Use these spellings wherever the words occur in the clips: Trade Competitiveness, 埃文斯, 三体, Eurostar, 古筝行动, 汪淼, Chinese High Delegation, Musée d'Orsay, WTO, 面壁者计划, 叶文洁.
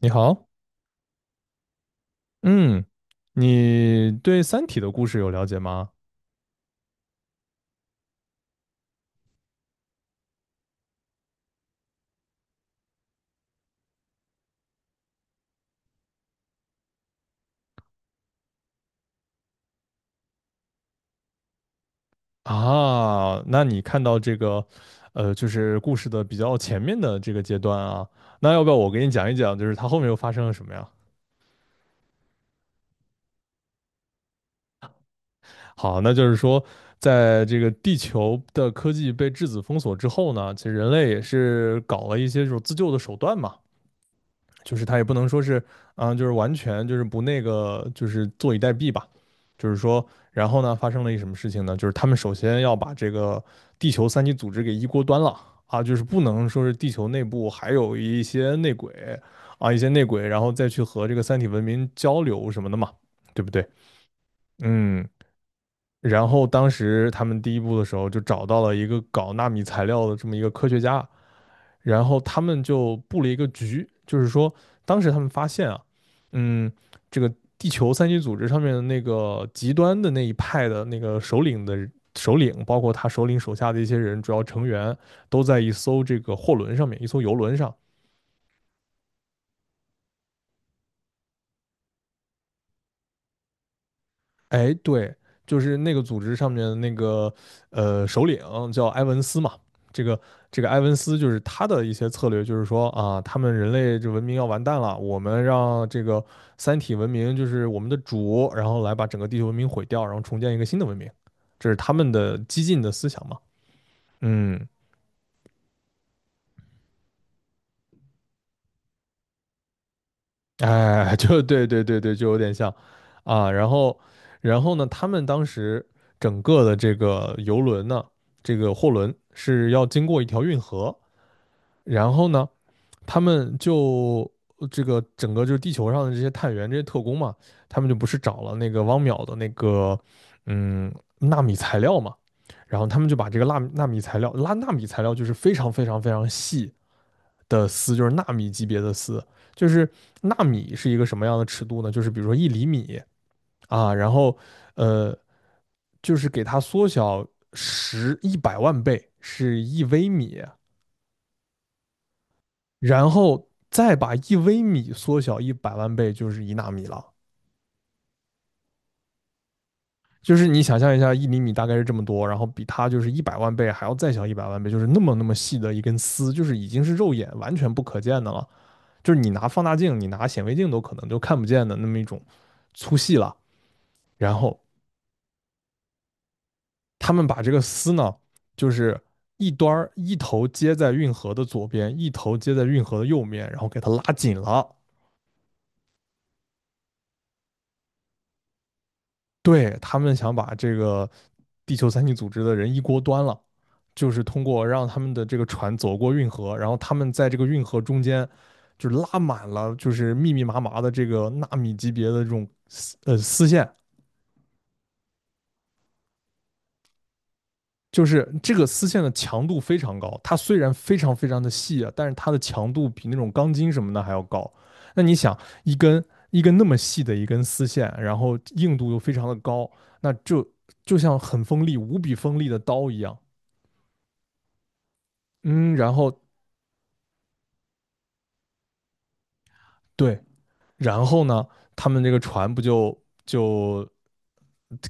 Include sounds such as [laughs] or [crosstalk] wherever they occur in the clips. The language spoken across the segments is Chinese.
你好，嗯，你对《三体》的故事有了解吗？啊，那你看到这个，就是故事的比较前面的这个阶段啊。那要不要我给你讲一讲，就是它后面又发生了什么呀？好，那就是说，在这个地球的科技被质子封锁之后呢，其实人类也是搞了一些这种自救的手段嘛。就是他也不能说是啊、就是完全就是不那个，就是坐以待毙吧。就是说，然后呢，发生了一什么事情呢？就是他们首先要把这个地球三级组织给一锅端了啊，就是不能说是地球内部还有一些内鬼啊，一些内鬼，然后再去和这个三体文明交流什么的嘛，对不对？嗯。然后当时他们第一步的时候就找到了一个搞纳米材料的这么一个科学家，然后他们就布了一个局，就是说当时他们发现啊。嗯，这个地球三级组织上面的那个极端的那一派的那个首领的首领，包括他首领手下的一些人，主要成员都在一艘这个货轮上面，一艘游轮上。哎，对，就是那个组织上面的那个首领叫埃文斯嘛。这个这个埃文斯就是他的一些策略，就是说啊，他们人类这文明要完蛋了，我们让这个三体文明就是我们的主，然后来把整个地球文明毁掉，然后重建一个新的文明，这是他们的激进的思想嘛。嗯 [laughs] 哎，就对对对对，就有点像啊。然后呢，他们当时整个的这个游轮呢，这个货轮是要经过一条运河，然后呢，他们就这个整个就是地球上的这些探员、这些特工嘛，他们就不是找了那个汪淼的那个嗯纳米材料嘛，然后他们就把这个纳米材料，拉纳米材料就是非常非常非常细的丝，就是纳米级别的丝。就是纳米是一个什么样的尺度呢？就是比如说一厘米啊，然后呃，就是给它缩小一百万倍是一微米，然后再把一微米缩小一百万倍就是1纳米了。就是你想象一下，一厘米大概是这么多，然后比它就是一百万倍还要再小一百万倍，就是那么那么细的一根丝，就是已经是肉眼完全不可见的了，就是你拿放大镜、你拿显微镜都可能就看不见的那么一种粗细了。然后他们把这个丝呢，就是一头接在运河的左边，一头接在运河的右面，然后给它拉紧了。对，他们想把这个地球三体组织的人一锅端了，就是通过让他们的这个船走过运河，然后他们在这个运河中间就拉满了，就是密密麻麻的这个纳米级别的这种丝线，就是这个丝线的强度非常高，它虽然非常非常的细啊，但是它的强度比那种钢筋什么的还要高。那你想，一根一根那么细的一根丝线，然后硬度又非常的高，那就像很锋利、无比锋利的刀一样。嗯，然后对，然后呢，他们这个船不就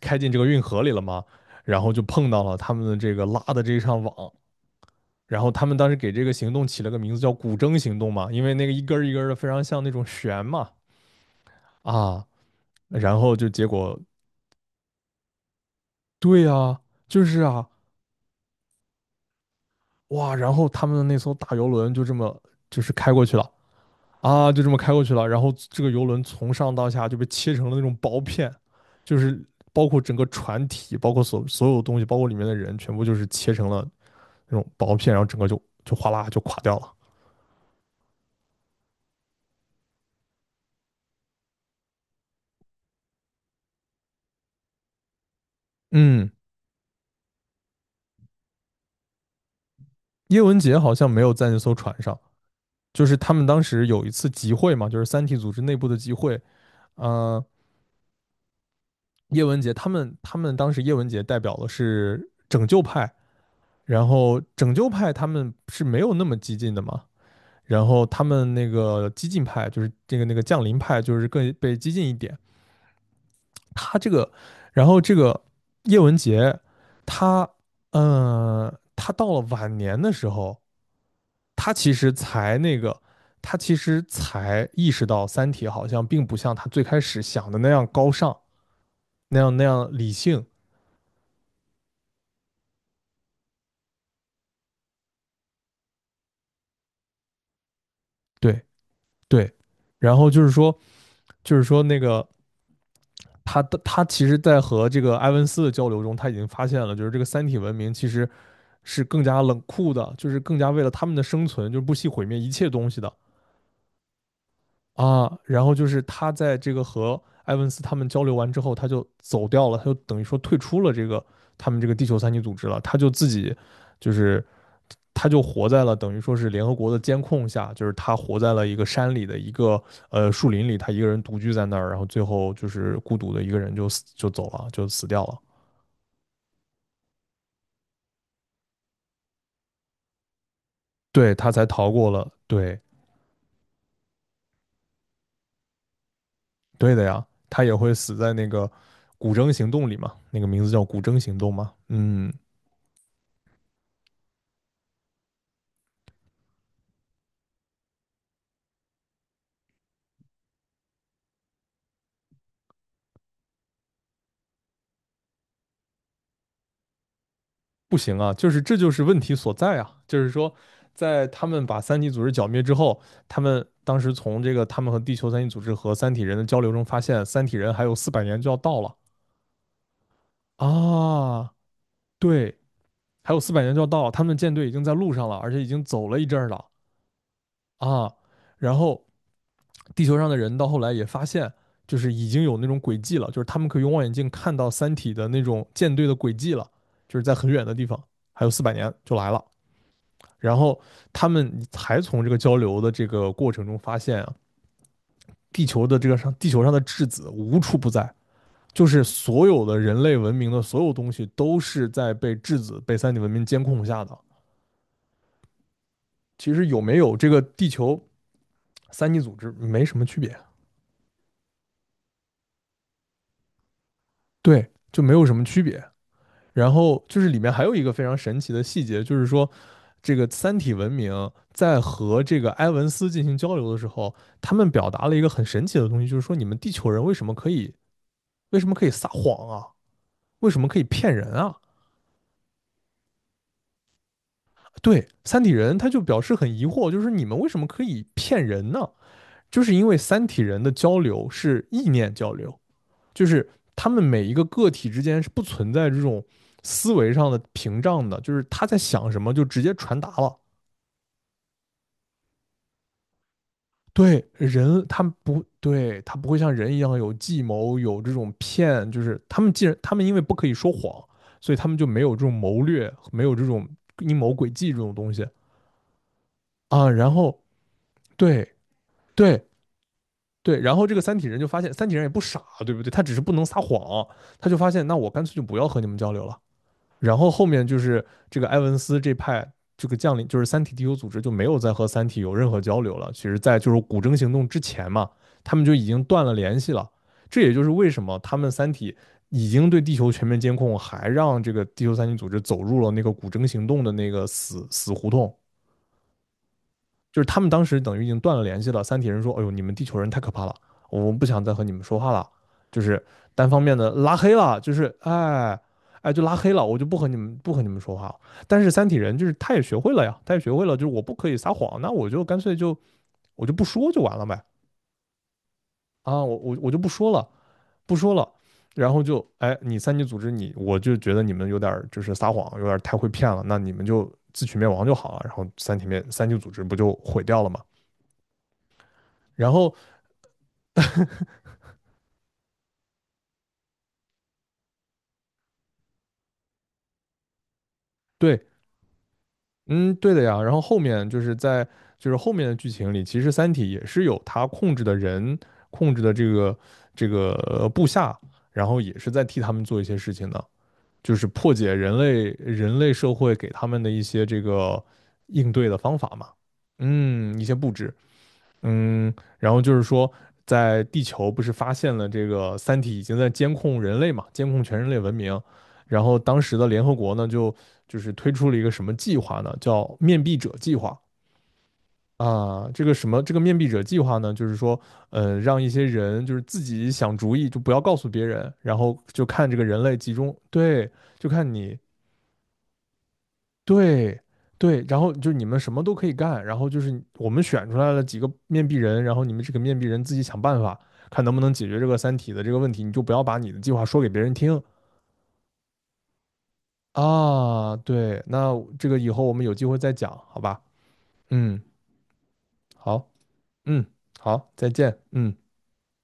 开进这个运河里了吗？然后就碰到了他们的这个拉的这一上网，然后他们当时给这个行动起了个名字叫“古筝行动”嘛，因为那个一根一根的非常像那种弦嘛啊。然后就结果对啊，就是啊，哇，然后他们的那艘大游轮就这么就是开过去了啊，就这么开过去了，然后这个游轮从上到下就被切成了那种薄片，就是包括整个船体，包括所有东西，包括里面的人，全部就是切成了那种薄片，然后整个就哗啦就垮掉了。嗯，叶文洁好像没有在那艘船上。就是他们当时有一次集会嘛，就是三体组织内部的集会。呃，叶文洁他们当时叶文洁代表的是拯救派，然后拯救派他们是没有那么激进的嘛，然后他们那个激进派就是这个那个降临派就是更被激进一点，他这个，然后这个叶文洁他，他到了晚年的时候。他其实才那个，他其实才意识到《三体》好像并不像他最开始想的那样高尚，那样理性。对对，然后就是说，那个他其实，在和这个埃文斯的交流中，他已经发现了，就是这个三体文明其实是更加冷酷的，就是更加为了他们的生存，就是不惜毁灭一切东西的。啊，然后就是他在这个和埃文斯他们交流完之后，他就走掉了，他就等于说退出了这个他们这个地球三级组织了，他就自己就是他就活在了等于说是联合国的监控下，就是他活在了一个山里的一个树林里，他一个人独居在那儿，然后最后就是孤独的一个人就死就走了，就死掉了。对，他才逃过了，对，对的呀，他也会死在那个古筝行动里嘛，那个名字叫古筝行动嘛。嗯，不行啊，就是这就是问题所在啊，就是说，在他们把三体组织剿灭之后，他们当时从这个他们和地球三体组织和三体人的交流中发现，三体人还有四百年就要到了啊。对，还有四百年就要到了，他们的舰队已经在路上了，而且已经走了一阵儿了啊，然后地球上的人到后来也发现。就是已经有那种轨迹了，就是他们可以用望远镜看到三体的那种舰队的轨迹了，就是在很远的地方，还有四百年就来了。然后他们才从这个交流的这个过程中发现啊，地球上的质子无处不在，就是所有的人类文明的所有东西都是在被质子、被三体文明监控下的。其实有没有这个地球三体组织没什么区别。对，就没有什么区别。然后就是里面还有一个非常神奇的细节，就是说，这个三体文明在和这个埃文斯进行交流的时候，他们表达了一个很神奇的东西，就是说你们地球人为什么可以撒谎啊？为什么可以骗人啊？对，三体人他就表示很疑惑，就是你们为什么可以骗人呢？就是因为三体人的交流是意念交流，就是他们每一个个体之间是不存在这种思维上的屏障的，就是他在想什么就直接传达了。对人，他不对，他不会像人一样有计谋，有这种骗，就是他们因为不可以说谎，所以他们就没有这种谋略，没有这种阴谋诡计这种东西。啊，然后对对对，然后这个三体人就发现，三体人也不傻，对不对？他只是不能撒谎，他就发现，那我干脆就不要和你们交流了。然后后面就是这个埃文斯这派这个将领，就是三体地球组织就没有再和三体有任何交流了。其实，在就是古筝行动之前嘛，他们就已经断了联系了。这也就是为什么他们三体已经对地球全面监控，还让这个地球三体组织走入了那个古筝行动的那个死胡同。就是他们当时等于已经断了联系了。三体人说：“哎呦，你们地球人太可怕了，我们不想再和你们说话了。”就是单方面的拉黑了，就是哎，就拉黑了，我就不和你们说话了。但是三体人就是他也学会了呀，他也学会了，就是我不可以撒谎，那我就干脆就我就不说就完了呗。啊，我就不说了，不说了。然后就哎，你三级组织你，我就觉得你们有点就是撒谎，有点太会骗了，那你们就自取灭亡就好了。然后三体面三级组织不就毁掉了吗？然后对，嗯，对的呀。然后后面就是就是后面的剧情里，其实三体也是有他控制的人，控制的这个部下，然后也是在替他们做一些事情的，就是破解人类社会给他们的一些这个应对的方法嘛。嗯，一些布置。然后就是说，在地球不是发现了这个三体已经在监控人类嘛，监控全人类文明。然后当时的联合国呢，就是推出了一个什么计划呢？叫面壁者计划啊。这个什么这个面壁者计划呢，就是说，让一些人就是自己想主意，就不要告诉别人，然后就看这个人类集中，对，就看你，对，对，然后就是你们什么都可以干，然后就是我们选出来了几个面壁人，然后你们这个面壁人自己想办法，看能不能解决这个三体的这个问题，你就不要把你的计划说给别人听啊。对，那这个以后我们有机会再讲，好吧？嗯，好，嗯，好，再见，嗯。